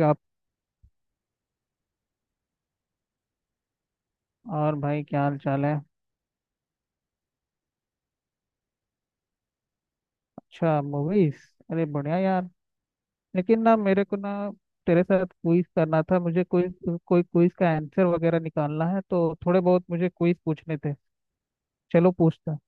आप। और भाई क्या हाल चाल है। अच्छा मूवीज। अरे बढ़िया यार। लेकिन ना मेरे को ना तेरे साथ क्विज करना था। मुझे कोई कोई क्विज का आंसर वगैरह निकालना है, तो थोड़े बहुत मुझे क्विज पूछने थे। चलो पूछता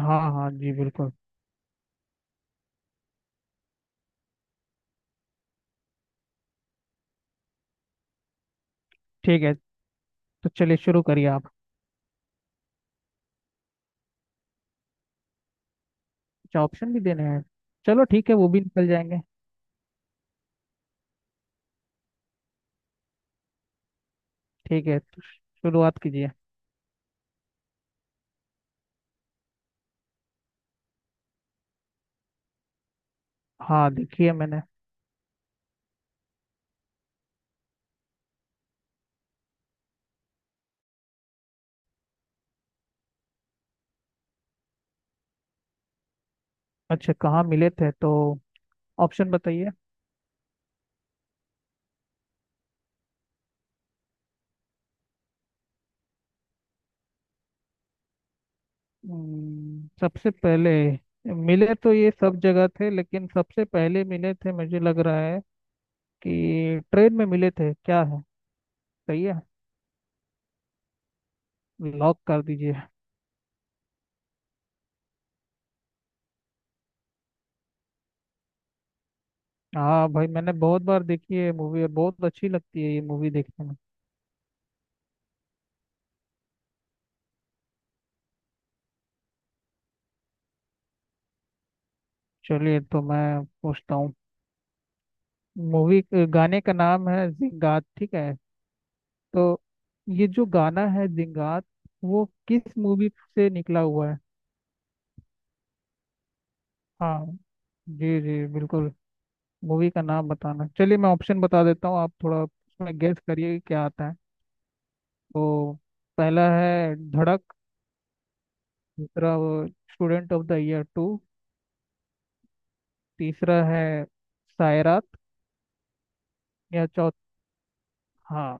हूं। हाँ हाँ जी, बिल्कुल ठीक है। तो चलिए शुरू करिए आप। अच्छा, ऑप्शन भी देने हैं। चलो ठीक है, वो भी निकल जाएंगे। ठीक है, तो शुरुआत कीजिए। हाँ देखिए, मैंने। अच्छा, कहाँ मिले थे तो ऑप्शन बताइए। सबसे पहले मिले तो ये सब जगह थे, लेकिन सबसे पहले मिले थे मुझे लग रहा है कि ट्रेन में मिले थे। क्या है सही है? लॉक कर दीजिए। हाँ भाई, मैंने बहुत बार देखी है मूवी, और बहुत अच्छी लगती है ये मूवी देखने में। चलिए तो मैं पूछता हूँ। मूवी गाने का नाम है जिंगात, ठीक है। तो ये जो गाना है जिंगात, वो किस मूवी से निकला हुआ है? हाँ जी जी, बिल्कुल। मूवी का नाम बताना, चलिए मैं ऑप्शन बता देता हूँ, आप थोड़ा उसमें गेस करिए कि क्या आता है। तो पहला है धड़क। दूसरा वो student of the year two. तीसरा है सायरात या चौथ। हाँ,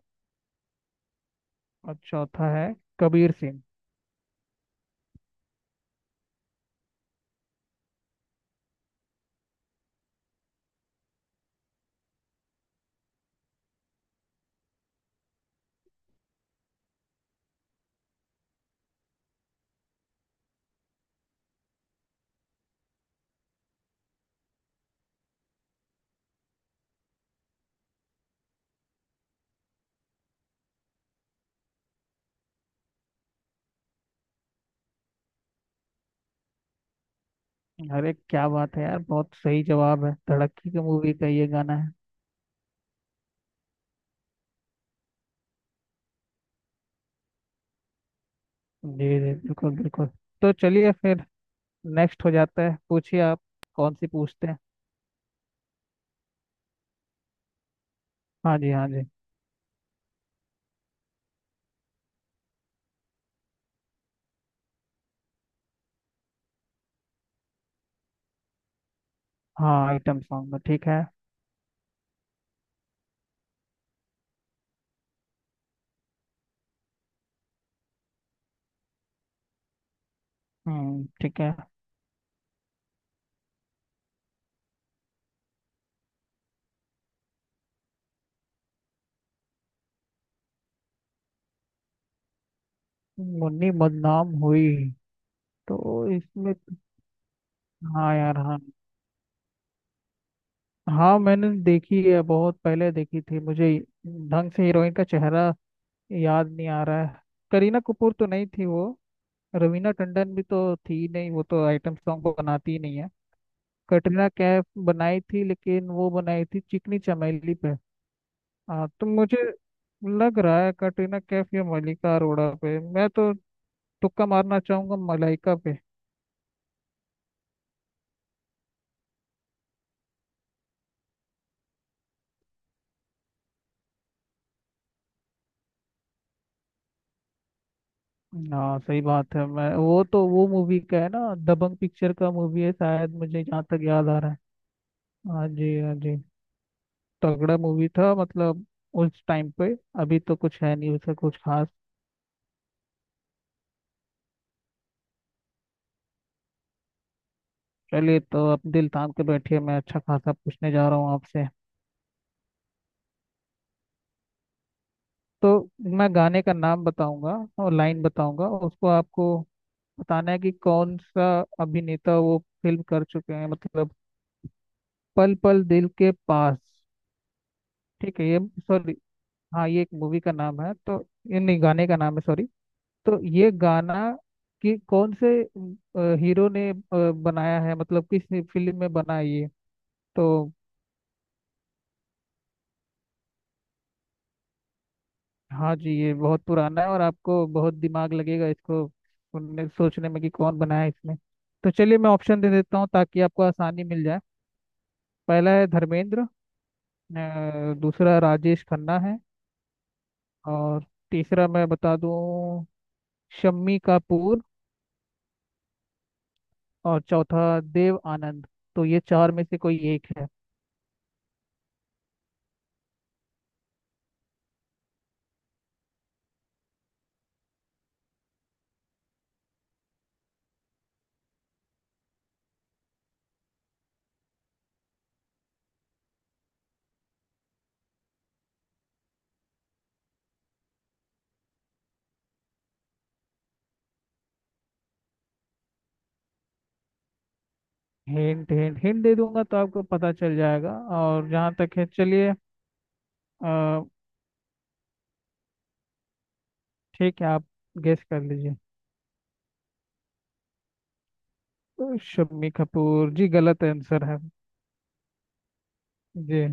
और चौथा है कबीर सिंह। अरे क्या बात है यार, बहुत सही जवाब है, धड़क की तो मूवी का ये गाना है। जी जी बिल्कुल बिल्कुल। तो चलिए फिर नेक्स्ट हो जाता है, पूछिए आप। कौन सी पूछते हैं? हाँ जी हाँ जी। हाँ आइटम सॉन्ग में। ठीक है। हम्म, ठीक है। मुन्नी बदनाम हुई, तो इसमें हाँ यार हाँ। हाँ मैंने देखी है, बहुत पहले देखी थी मुझे। ढंग से हीरोइन का चेहरा याद नहीं आ रहा है। करीना कपूर तो नहीं थी वो। रवीना टंडन भी तो थी नहीं, वो तो आइटम सॉन्ग को बनाती ही नहीं है। कटरीना कैफ बनाई थी, लेकिन वो बनाई थी चिकनी चमेली पे। हाँ, तो मुझे लग रहा है कटरीना कैफ या मलाइका अरोड़ा पे मैं तो तुक्का मारना चाहूंगा मलाइका पे। हाँ सही बात है। मैं, वो तो वो मूवी का है ना, दबंग पिक्चर का मूवी है शायद, मुझे जहाँ तक याद आ रहा है। हाँ जी हाँ जी। तगड़ा मूवी था मतलब उस टाइम पे, अभी तो कुछ है नहीं उसका कुछ खास। चलिए, तो अब दिल थाम के बैठिए, मैं अच्छा खासा पूछने जा रहा हूँ आपसे। तो मैं गाने का नाम बताऊंगा और लाइन बताऊंगा, उसको आपको बताना है कि कौन सा अभिनेता वो फिल्म कर चुके हैं मतलब। पल पल दिल के पास, ठीक है। ये सॉरी, हाँ ये एक मूवी का नाम है, तो ये नहीं, गाने का नाम है सॉरी। तो ये गाना कि कौन से हीरो ने बनाया है, मतलब किस फिल्म में बना है ये। तो हाँ जी, ये बहुत पुराना है, और आपको बहुत दिमाग लगेगा इसको उनने सोचने में कि कौन बनाया है इसमें। तो चलिए मैं ऑप्शन दे देता हूँ, ताकि आपको आसानी मिल जाए। पहला है धर्मेंद्र। दूसरा राजेश खन्ना है। और तीसरा मैं बता दूँ, शम्मी कपूर। और चौथा देव आनंद। तो ये चार में से कोई एक है। हिंट हिंट, हिंट दे दूंगा तो आपको पता चल जाएगा। और जहाँ तक है, चलिए। अ, ठीक है, आप गेस कर लीजिए। शम्मी कपूर जी, गलत आंसर है। जी,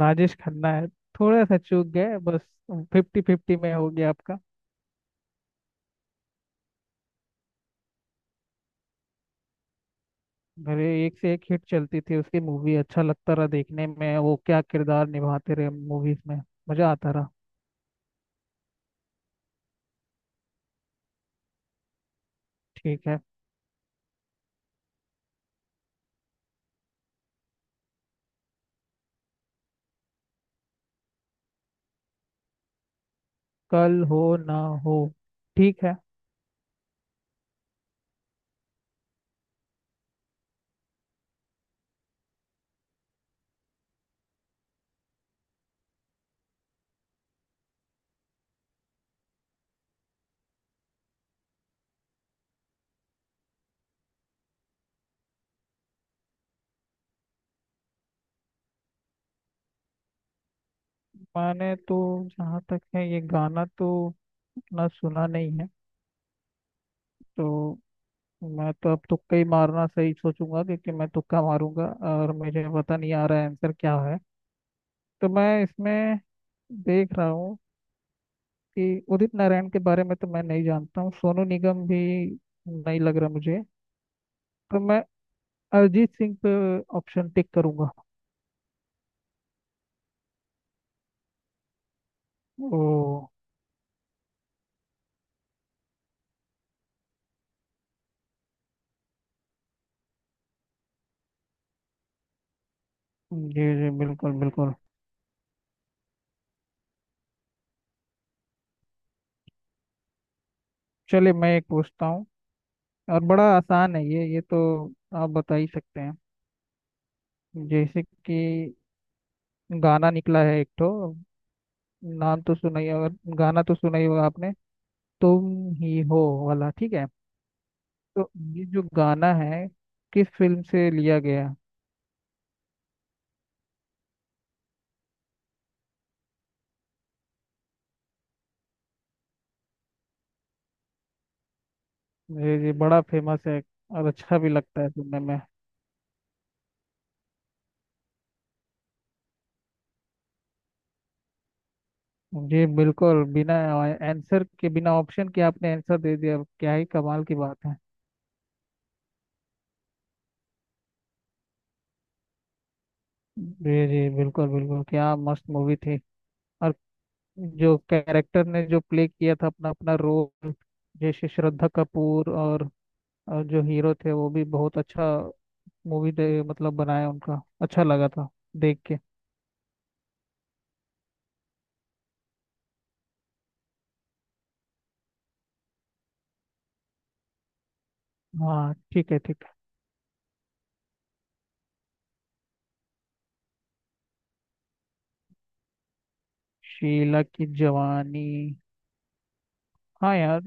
राजेश खन्ना है। थोड़ा सा चूक गए बस। फिफ्टी फिफ्टी में हो गया आपका। अरे, एक से एक हिट चलती थी उसकी मूवी, अच्छा लगता रहा देखने में, वो क्या किरदार निभाते रहे मूवीज में, मजा आता रहा। ठीक है। कल हो ना हो, ठीक है। मैंने तो जहाँ तक है, ये गाना तो उतना सुना नहीं है। तो मैं तो अब तुक्का ही मारना सही सोचूंगा, क्योंकि मैं तुक्का मारूंगा और मुझे पता नहीं आ रहा है आंसर क्या है। तो मैं इसमें देख रहा हूँ कि उदित नारायण के बारे में तो मैं नहीं जानता हूँ, सोनू निगम भी नहीं लग रहा मुझे। तो मैं अरिजीत सिंह पे ऑप्शन टिक करूंगा। ओ, जी जी बिल्कुल बिल्कुल। चलिए, मैं एक पूछता हूँ, और बड़ा आसान है ये तो आप बता ही सकते हैं। जैसे कि गाना निकला है एक, तो नाम तो सुना ही, अगर गाना तो सुना ही होगा आपने। तुम ही हो वाला, ठीक है। तो ये जो गाना है, किस फिल्म से लिया गया? ये बड़ा फेमस है, और अच्छा भी लगता है सुनने में। जी बिल्कुल, बिना आंसर के, बिना ऑप्शन के आपने आंसर दे दिया, क्या ही कमाल की बात है। जी जी बिल्कुल बिल्कुल, क्या मस्त मूवी थी। और जो कैरेक्टर ने जो प्ले किया था अपना अपना रोल, जैसे श्रद्धा कपूर, और जो हीरो थे वो भी बहुत अच्छा मूवी दे, मतलब बनाया, उनका अच्छा लगा था देख के। हाँ ठीक है ठीक है। शीला की जवानी, हाँ यार।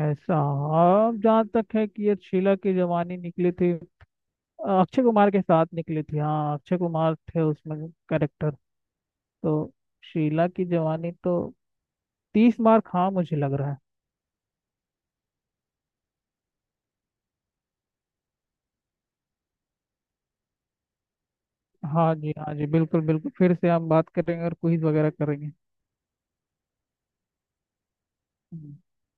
ऐसा, हाँ जहाँ तक है कि ये शीला की जवानी निकली थी, अक्षय कुमार के साथ निकली थी, हाँ अक्षय कुमार थे उसमें कैरेक्टर। तो शीला की जवानी तो तीस मार खा, मुझे लग रहा है। हाँ जी हाँ जी, बिल्कुल बिल्कुल। फिर से हम बात करेंगे और क्विज वगैरह करेंगे।